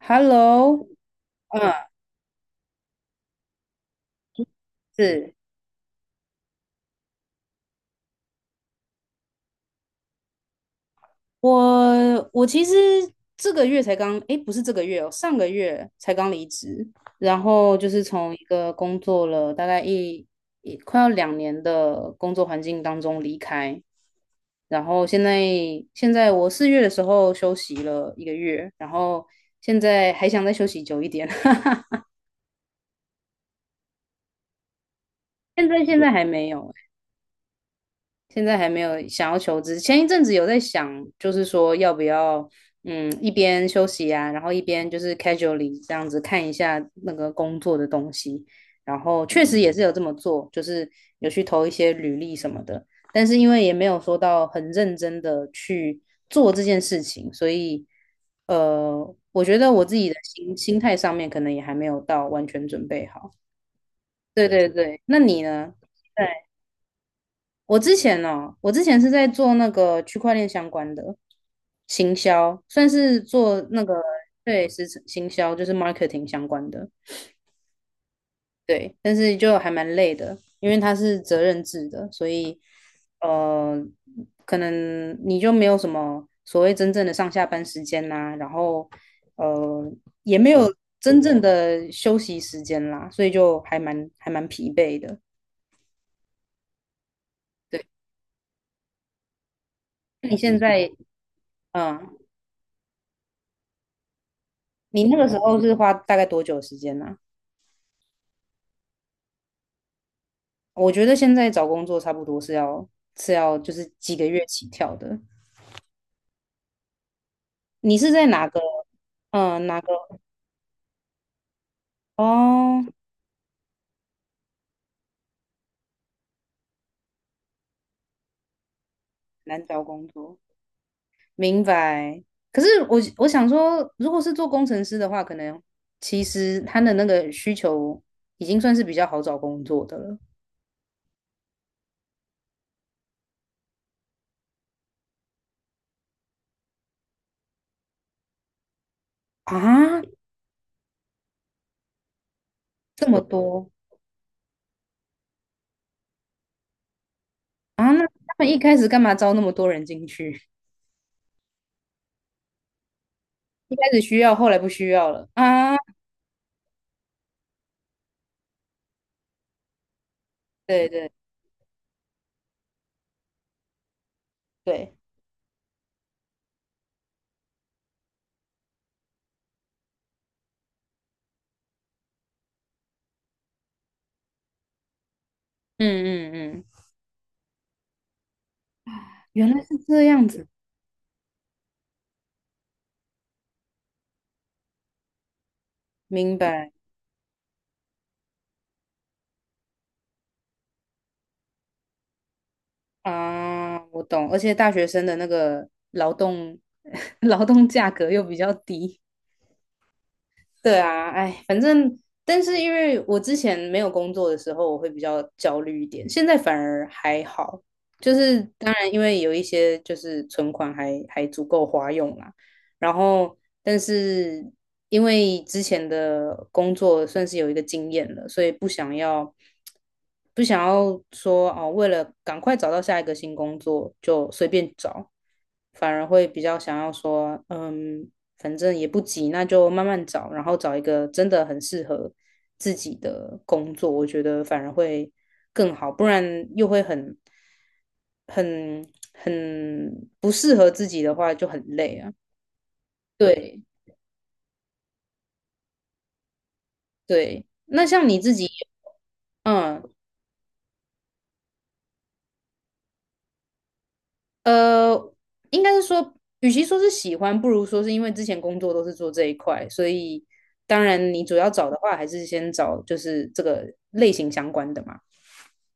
Hello，嗯，是，我其实这个月才刚，诶，不是这个月哦，上个月才刚离职，然后就是从一个工作了大概一快要2年的工作环境当中离开，然后现在我4月的时候休息了1个月，然后现在还想再休息久一点，现在还没有，现在还没有想要求职，前一阵子有在想，就是说要不要，嗯，一边休息啊，然后一边就是 casually 这样子看一下那个工作的东西，然后确实也是有这么做，就是有去投一些履历什么的，但是因为也没有说到很认真的去做这件事情，所以，我觉得我自己的心态上面可能也还没有到完全准备好。对对对，那你呢？我之前是在做那个区块链相关的行销，算是做那个，对，是行销，就是 marketing 相关的，对，但是就还蛮累的，因为它是责任制的，所以呃，可能你就没有什么所谓真正的上下班时间啦，然后呃也没有真正的休息时间啦，所以就还蛮疲惫的。对，那你现在嗯？你那个时候是花大概多久时间呢、啊我觉得现在找工作差不多是要就是几个月起跳的。你是在哪个？哪个？哦，难找工作，明白。可是我想说，如果是做工程师的话，可能其实他的那个需求已经算是比较好找工作的了啊，这么多，他们一开始干嘛招那么多人进去？一开始需要，后来不需要了啊？对对对，嗯嗯嗯。原来是这样子，明白啊，我懂。而且大学生的那个劳动 劳动价格又比较低，对啊，哎，反正，但是因为我之前没有工作的时候，我会比较焦虑一点，现在反而还好。就是当然，因为有一些就是存款还足够花用啦，然后但是因为之前的工作算是有一个经验了，所以不想要说哦，为了赶快找到下一个新工作就随便找，反而会比较想要说，嗯，反正也不急，那就慢慢找，然后找一个真的很适合自己的工作，我觉得反而会更好，不然又会很很不适合自己的话就很累啊。对对，那像你自己，嗯呃，应该是说，与其说是喜欢，不如说是因为之前工作都是做这一块，所以当然你主要找的话，还是先找就是这个类型相关的嘛。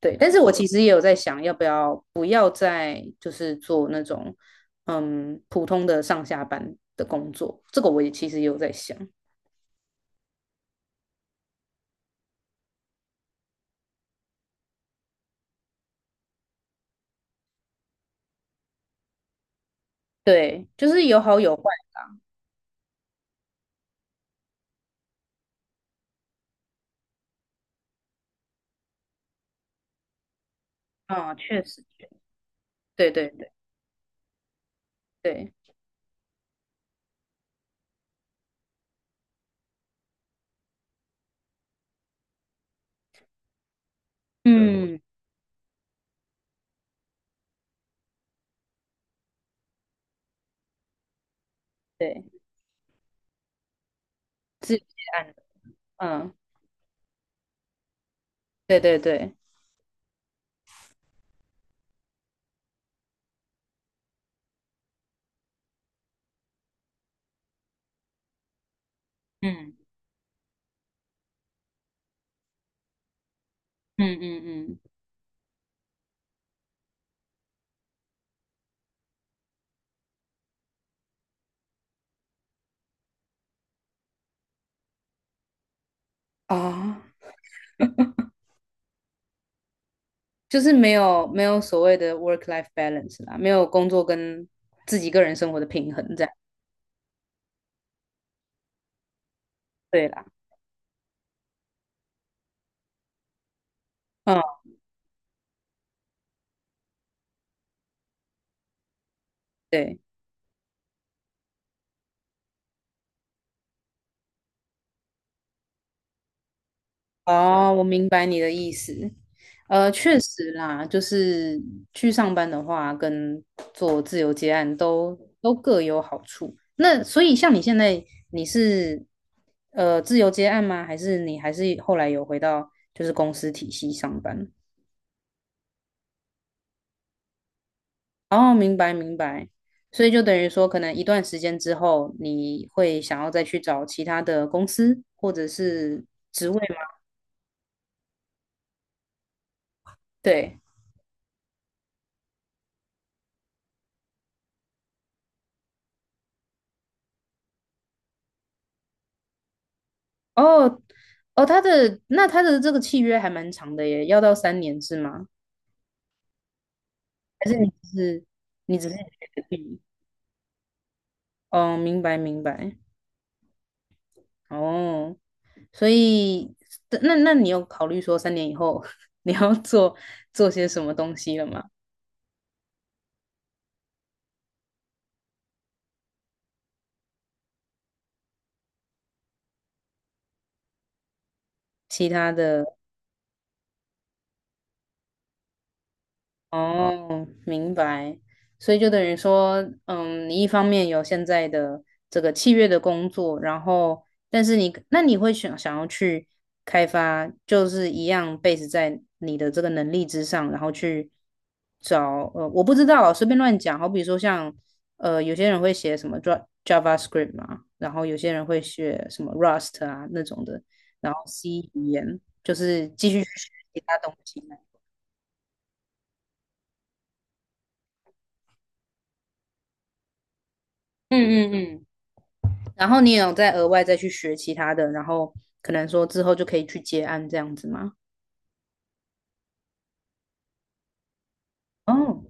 对，但是我其实也有在想，要不要不要再就是做那种普通的上下班的工作，这个我也其实也有在想。对，就是有好有坏啊，确实，对对对对，嗯，对，自己按的，嗯，对对对，嗯嗯嗯嗯，啊，就是没有所谓的 work life balance 啦，没有工作跟自己个人生活的平衡这样，对啦，嗯，对。哦，我明白你的意思。确实啦，就是去上班的话，跟做自由接案都各有好处。那所以像你现在，你是自由接案吗？还是你还是后来有回到就是公司体系上班？哦，明白明白。所以就等于说，可能一段时间之后，你会想要再去找其他的公司或者是职位吗？对。哦哦，他的他的这个契约还蛮长的耶，要到三年是吗？还是你只是觉得嗯，哦，明白明白哦，所以那你有考虑说3年以后 你要做些什么东西了吗？其他的？啊哦，明白。所以就等于说，嗯，你一方面有现在的这个契约的工作，然后，但是你，那你会想要去开发，就是一样 base 在你的这个能力之上，然后去找，我不知道啊，随便乱讲。好比说像，有些人会写什么 Java JavaScript 嘛，然后有些人会写什么 Rust 啊那种的，然后 C 语言，就是继续去学其他东西。嗯嗯嗯。然后你也有再额外再去学其他的，然后可能说之后就可以去接案这样子吗？哦，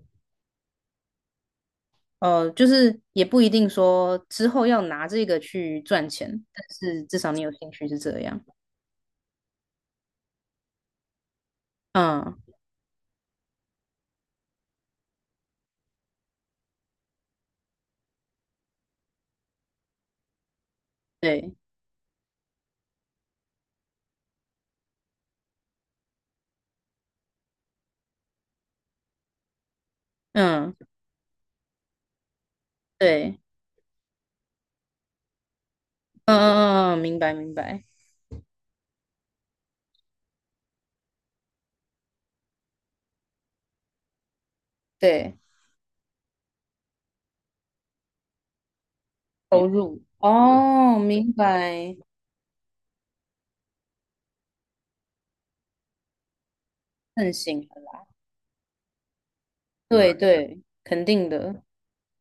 就是也不一定说之后要拿这个去赚钱，但是至少你有兴趣是这样。嗯，对，嗯，对，嗯嗯嗯，嗯明白明白，对，投入。哦，明白，盛行，对对，肯定的，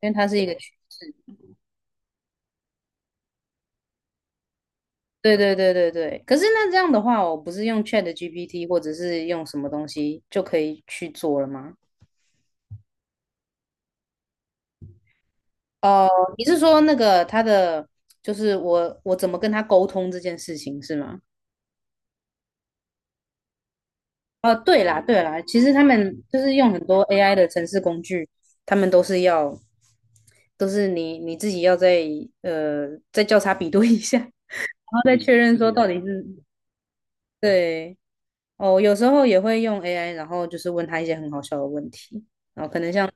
因为它是一个趋势。对对对对对，可是那这样的话，我不是用 Chat GPT 或者是用什么东西就可以去做了吗？哦，你是说那个他的，就是我怎么跟他沟通这件事情是吗？哦，对啦对啦，其实他们就是用很多 AI 的程式工具，他们都是要，都是你自己要再呃再交叉比对一下，然后再确认说到底是对。哦，有时候也会用 AI，然后就是问他一些很好笑的问题，然后可能像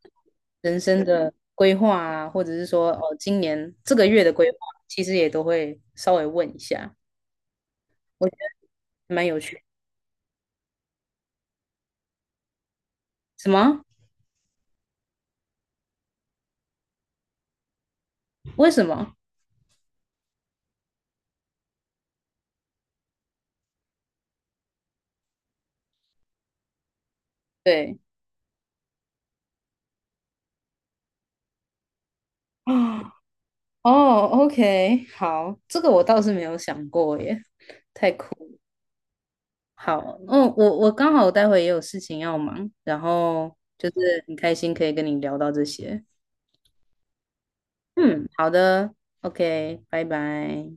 人生的规划啊，或者是说哦，今年这个月的规划，其实也都会稍微问一下，我觉得蛮有趣。什么？为什么？对啊，哦，OK，好，这个我倒是没有想过耶，太酷。好，嗯，我我刚好待会也有事情要忙，然后就是很开心可以跟你聊到这些。嗯，好的，OK，拜拜。